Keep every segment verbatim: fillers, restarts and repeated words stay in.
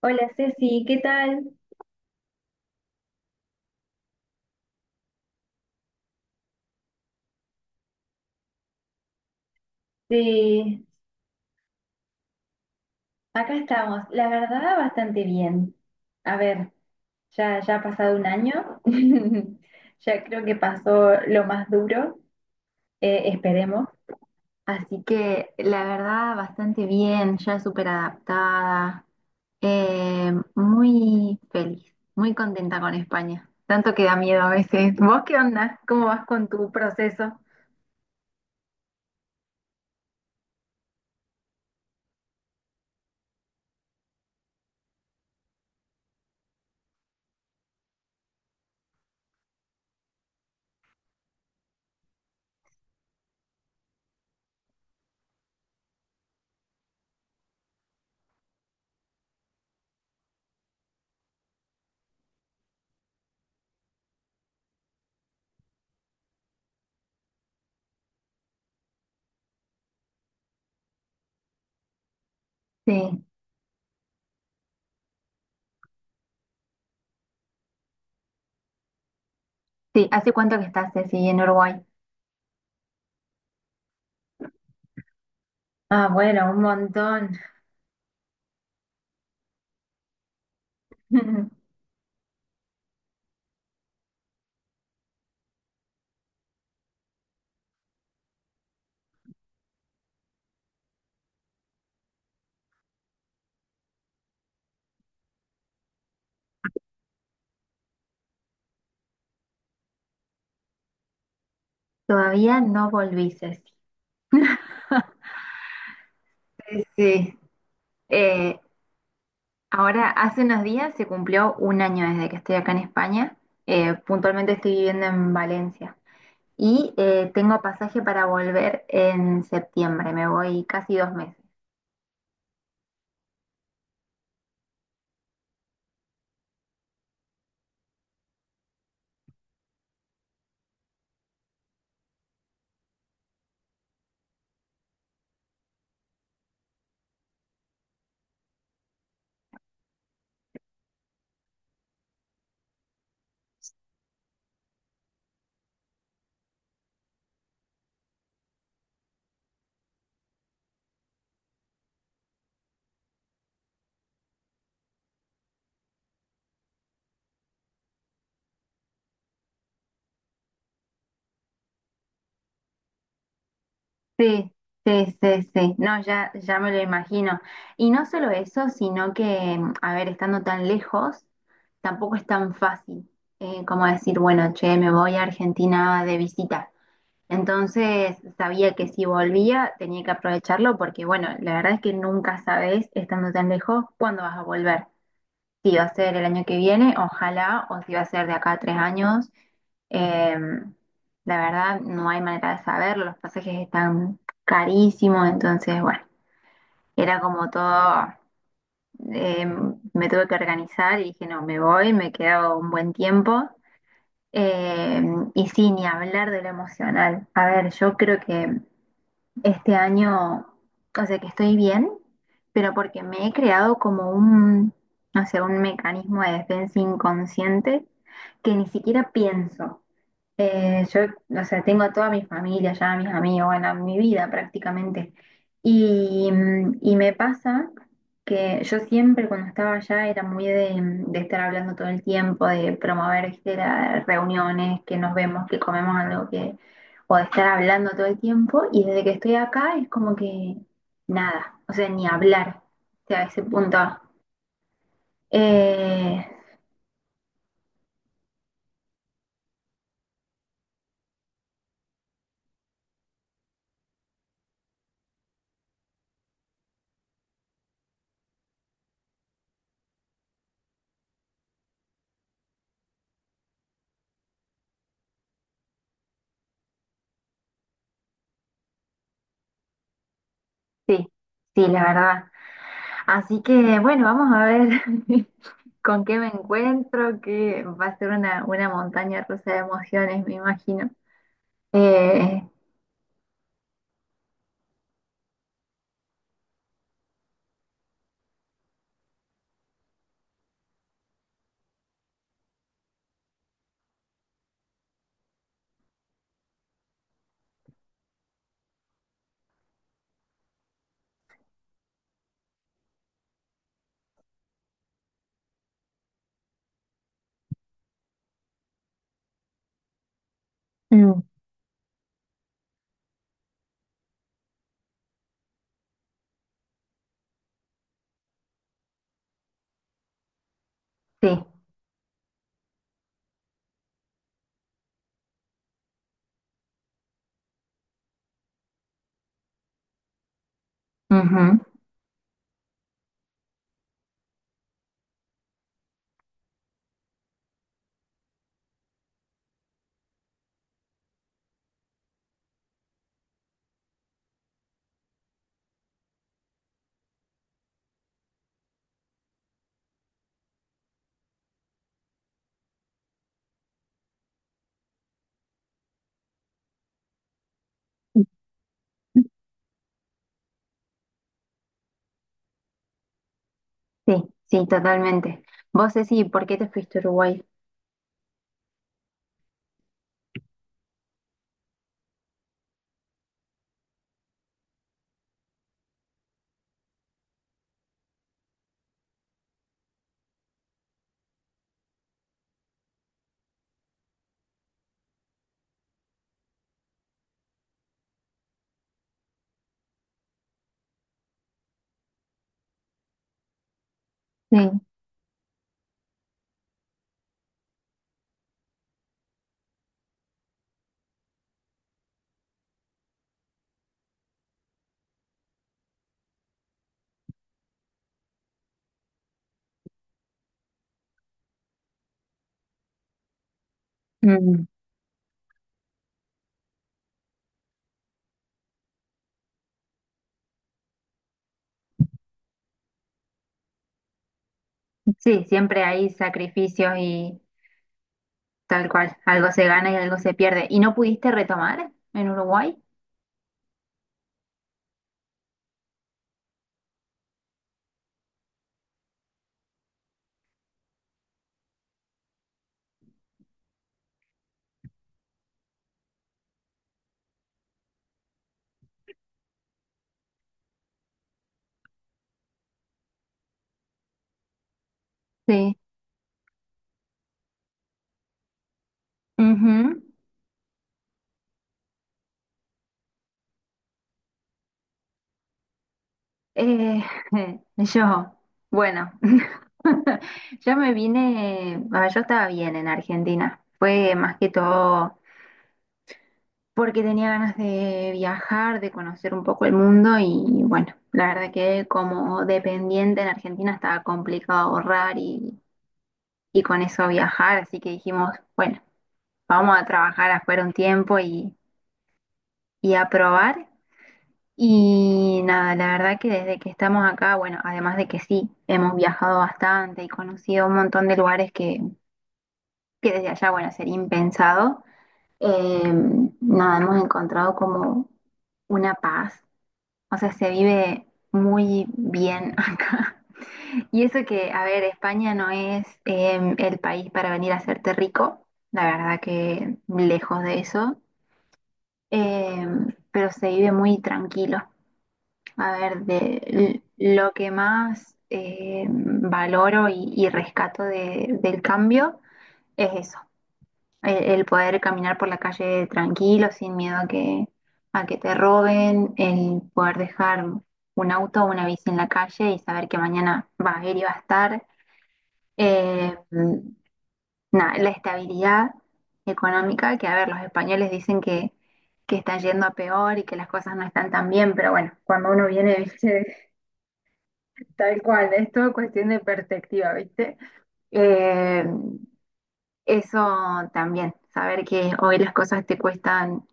Hola Ceci, ¿qué tal? Eh, Acá estamos, la verdad bastante bien. A ver, ya, ya ha pasado un año, ya creo que pasó lo más duro, eh, esperemos. Así que la verdad bastante bien, ya súper adaptada, eh, muy feliz, muy contenta con España. Tanto que da miedo a veces. ¿Vos qué onda? ¿Cómo vas con tu proceso? Sí, sí. ¿Hace cuánto que estás, Ceci, en Uruguay? Ah, bueno, un montón. Todavía no volví, Ceci. Sí, sí. Eh, Ahora, hace unos días se cumplió un año desde que estoy acá en España. Eh, puntualmente estoy viviendo en Valencia. Y eh, tengo pasaje para volver en septiembre. Me voy casi dos meses. Sí, sí, sí, sí. No, ya, ya me lo imagino. Y no solo eso, sino que, mm, a ver, estando tan lejos, tampoco es tan fácil eh, como decir, bueno, che, me voy a Argentina de visita. Entonces, sabía que si volvía tenía que aprovecharlo porque, bueno, la verdad es que nunca sabes, estando tan lejos, cuándo vas a volver. Si va a ser el año que viene, ojalá, o si va a ser de acá a tres años, eh, la verdad, no hay manera de saberlo, los pasajes están carísimos, entonces, bueno, era como todo, eh, me tuve que organizar y dije, no, me voy, me quedo un buen tiempo. Eh, y sí, ni hablar de lo emocional. A ver, yo creo que este año, o sea, que estoy bien, pero porque me he creado como un, no sé, un mecanismo de defensa inconsciente que ni siquiera pienso. Eh, yo, o sea, tengo a toda mi familia ya, a mis amigos, bueno, a mi vida prácticamente. Y, mm, y me pasa que yo siempre cuando estaba allá era muy de, mm, de estar hablando todo el tiempo, de promover, ¿viste?, las reuniones, que nos vemos, que comemos algo, que, o de estar hablando todo el tiempo. Y desde que estoy acá es como que nada, o sea, ni hablar, o sea, a ese punto. Eh, sí, sí, la verdad. Así que bueno, vamos a ver con qué me encuentro, que va a ser una, una montaña rusa de emociones, me imagino. Eh, mm, sí, ujú, sí, sí, totalmente. Vos, Ceci, ¿por qué te fuiste a Uruguay? Sí, mm, sí, siempre hay sacrificios y tal cual, algo se gana y algo se pierde. ¿Y no pudiste retomar en Uruguay? Sí. Ujú. Eh, yo, bueno. Yo me vine, bueno, yo estaba bien en Argentina. Fue más que todo porque tenía ganas de viajar, de conocer un poco el mundo y bueno, la verdad que como dependiente en Argentina estaba complicado ahorrar y, y con eso viajar, así que dijimos, bueno, vamos a trabajar afuera un tiempo y, y a probar. Y nada, la verdad que desde que estamos acá, bueno, además de que sí, hemos viajado bastante y conocido un montón de lugares que que desde allá, bueno, sería impensado, eh, nada, hemos encontrado como una paz, o sea, se vive muy bien acá. Y eso que, a ver, España no es eh, el país para venir a hacerte rico, la verdad que lejos de eso, eh, pero se vive muy tranquilo. A ver, de l- lo que más eh, valoro y, y rescato de- del cambio es eso. El, el poder caminar por la calle tranquilo, sin miedo a que, a que te roben, el poder dejar un auto o una bici en la calle y saber que mañana va a ir y va a estar. Eh, Nada, la estabilidad económica, que a ver, los españoles dicen que, que están yendo a peor y que las cosas no están tan bien, pero bueno, cuando uno viene, viste, tal cual. Eh, Eso también, saber que hoy las cosas te cuestan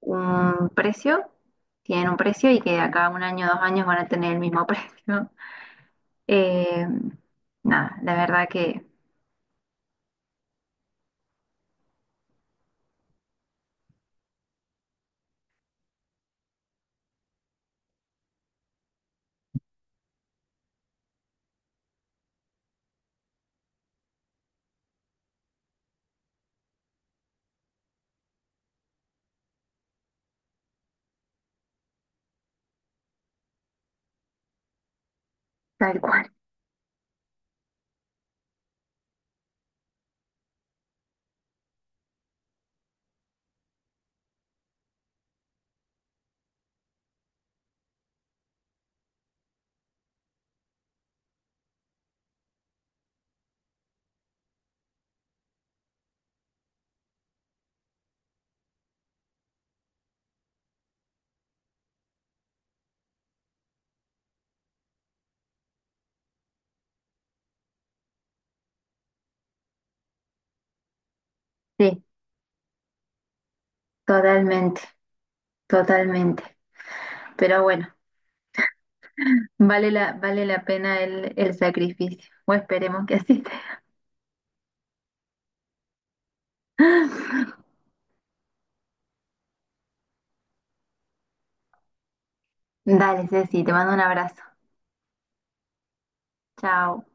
un precio, tienen un precio y que de acá a un año, dos años van a tener el mismo precio. Eh, Nada, la verdad que tal cual. Sí, totalmente, totalmente. Pero bueno, vale la, vale la pena el, el sacrificio. O esperemos que así sea. Dale, Ceci, te mando un abrazo. Chao.